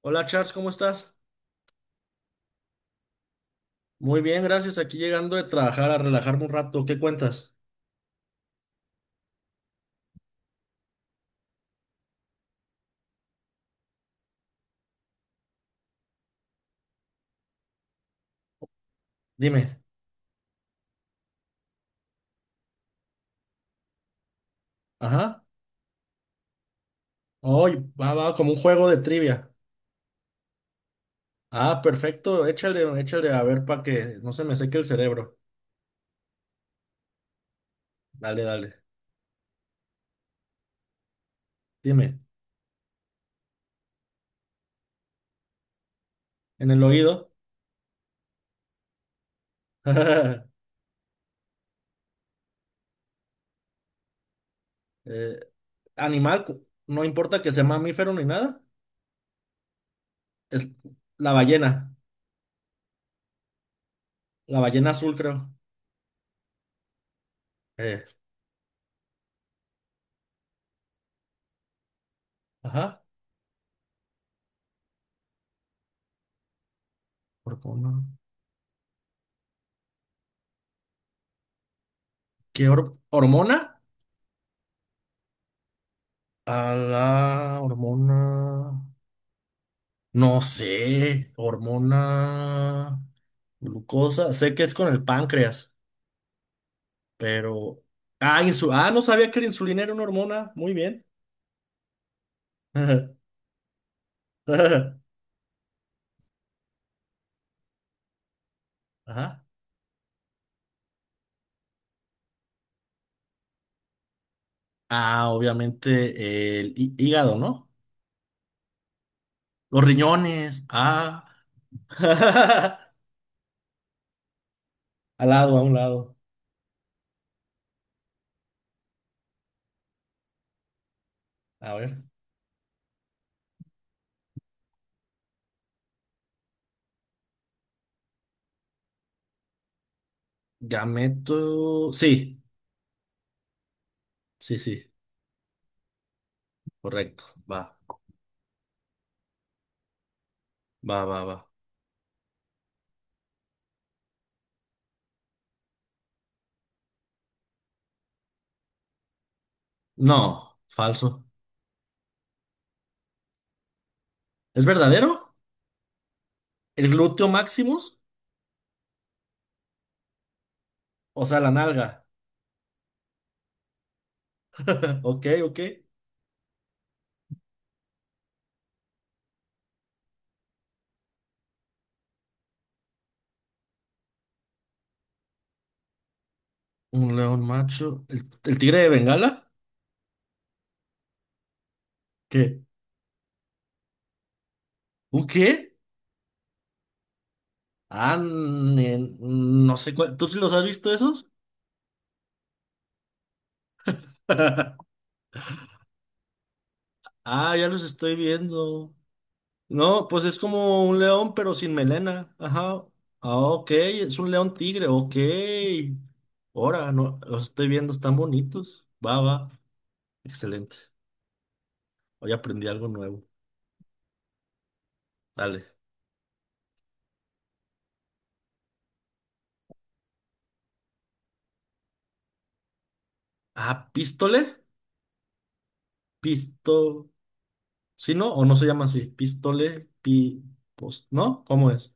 Hola Charles, ¿cómo estás? Muy bien, gracias. Aquí llegando de trabajar a relajarme un rato. ¿Qué cuentas? Dime. Ajá. Hoy va como un juego de trivia. Ah, perfecto. Échale, échale a ver para que no se me seque el cerebro. Dale, dale. Dime. ¿En el oído? Eh, Animal, no importa que sea mamífero ni nada. Es la ballena. La ballena azul, creo. Eh, ajá. Hormona. ¿Qué hormona? A la hormona. No sé, hormona, glucosa, sé que es con el páncreas, pero... Ah, no sabía que la insulina era una hormona, muy bien. Ajá. Ah, obviamente el hígado, ¿no? Los riñones, ah. Al lado, a un lado. A ver. Gameto... Sí, sí, sí, correcto. Va, va, va, va. No, falso. ¿Es verdadero? ¿El glúteo maximus? O sea, la nalga. Ok, ok. Un león macho. ¿El tigre de Bengala? ¿Qué? ¿Un qué? Ah, no sé cuál. ¿Tú sí los has visto esos? Ah, ya los estoy viendo. No, pues es como un león, pero sin melena. Ajá. Ah, ok, es un león tigre, ok. Ahora, no, los estoy viendo, están bonitos. Va, va. Excelente. Hoy aprendí algo nuevo. Dale. Ah, ¿pístole? Pisto. ¿Sí, no? ¿O no se llama así? Pistole, ¿no? ¿Cómo es?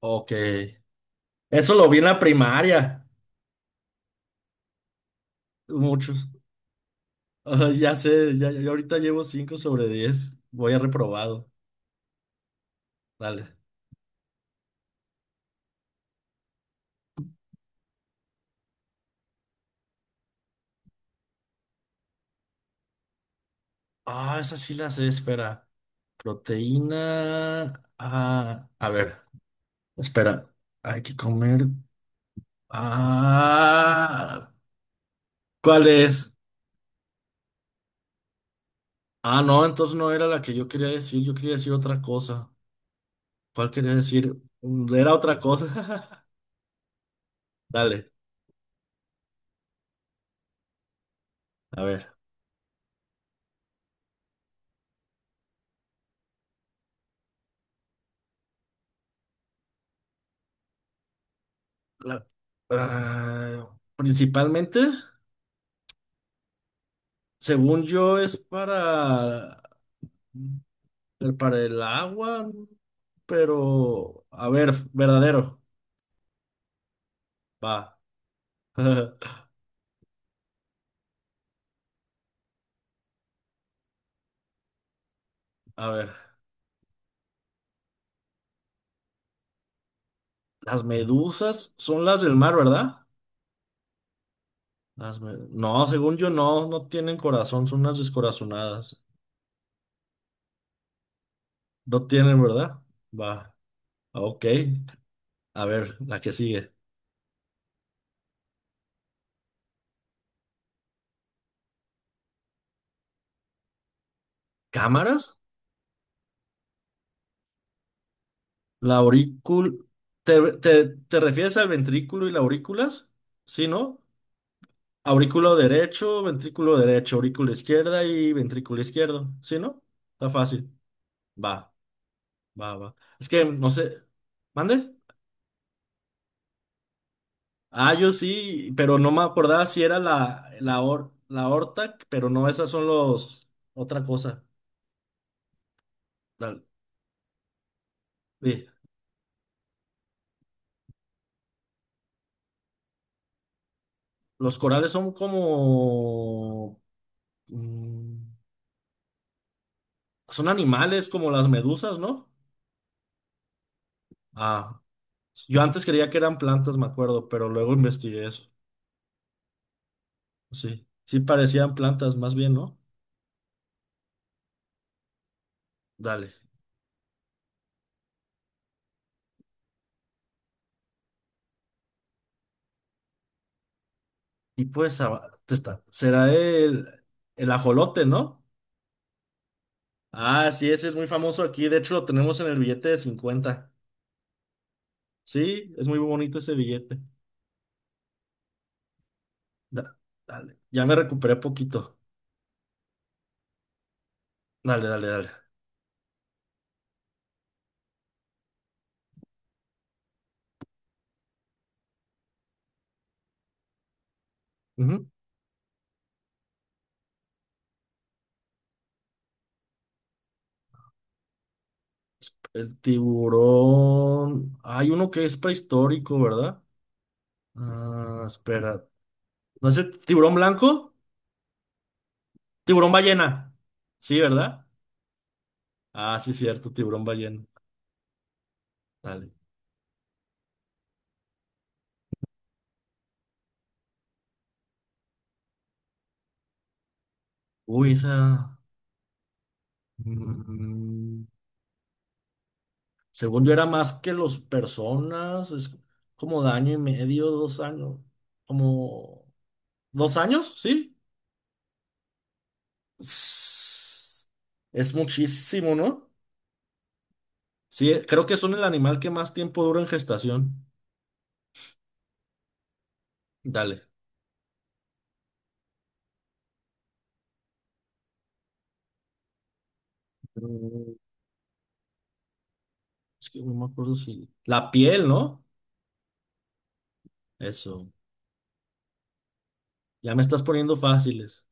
Ok. Eso lo vi en la primaria. Muchos. Ah, ya sé, ya, ya yo ahorita llevo 5 sobre 10. Voy a reprobado. Dale. Ah, esa sí la sé, espera. Proteína. Ah, a ver, espera. Hay que comer. Ah, ¿cuál es? Ah, no, entonces no era la que yo quería decir. Yo quería decir otra cosa. ¿Cuál quería decir? Era otra cosa. Dale. A ver. la- Principalmente, según yo, es para el agua, pero a ver, verdadero. Va. A ver. Las medusas son las del mar, ¿verdad? No, según yo, no tienen corazón, son unas descorazonadas. No tienen, ¿verdad? Va. Ok. A ver, la que sigue. ¿Cámaras? La aurícula. ¿Te refieres al ventrículo y la aurículas? Sí, ¿no? Aurículo derecho, ventrículo derecho, aurícula izquierda y ventrículo izquierdo. ¿Sí, no? Está fácil. Va, va, va. Es que no sé. ¿Mande? Ah, yo sí, pero no me acordaba si era la or la aorta, pero no, esas son los. Otra cosa. Dale. Sí. Los corales son como, mm, son animales como las medusas, ¿no? Ah, yo antes creía que eran plantas, me acuerdo, pero luego investigué eso. Sí, sí parecían plantas, más bien, ¿no? Dale. Y pues, te está. Será el ajolote, ¿no? Ah, sí, ese es muy famoso aquí. De hecho, lo tenemos en el billete de 50. Sí, es muy bonito ese billete. Da- Dale. Ya me recuperé poquito. Dale, dale, dale. Ujú. El tiburón. Hay uno que es prehistórico, ¿verdad? Ah, espera. ¿No es el tiburón blanco? Tiburón ballena. Sí, ¿verdad? Ah, sí, cierto, tiburón ballena. Dale. Uy, esa, mm, según yo era más que los personas. Es como de año y medio, 2 años. Como. ¿2 años? Sí. Sss, Es muchísimo, ¿no? Sí, creo que son el animal que más tiempo dura en gestación. Dale. Mm, Es que no me acuerdo si. La piel, ¿no? Eso. Ya me estás poniendo fáciles.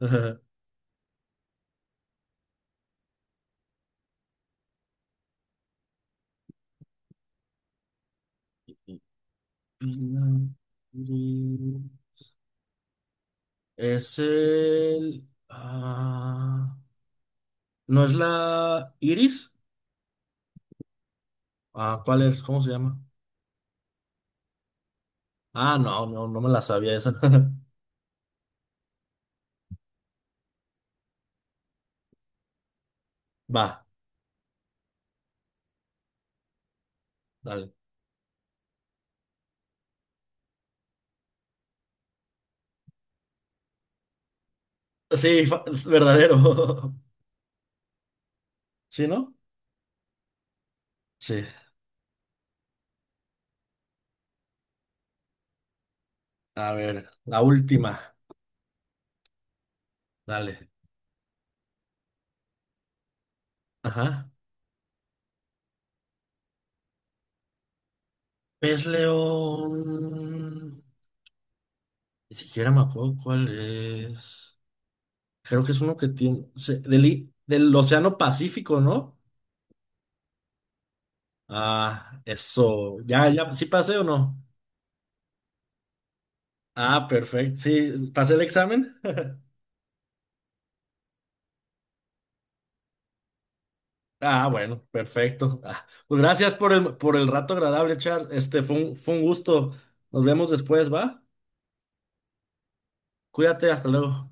Es el... ¿no es la Iris? Ah, ¿cuál es? ¿Cómo se llama? Ah, no, no, no me la sabía esa. Va, dale. Sí, es verdadero. ¿Sí, no? Sí. A ver, la última. Dale. Ajá. Pez león. Ni siquiera me acuerdo cuál es. Creo que es uno que tiene... del, del Océano Pacífico, ¿no? Ah, eso. Ya, ya, ¿sí pasé o no? Ah, perfecto. Sí, ¿pasé el examen? Ah, bueno, perfecto. Ah, pues gracias por el rato agradable, Char. Este fue un gusto. Nos vemos después, ¿va? Cuídate, hasta luego.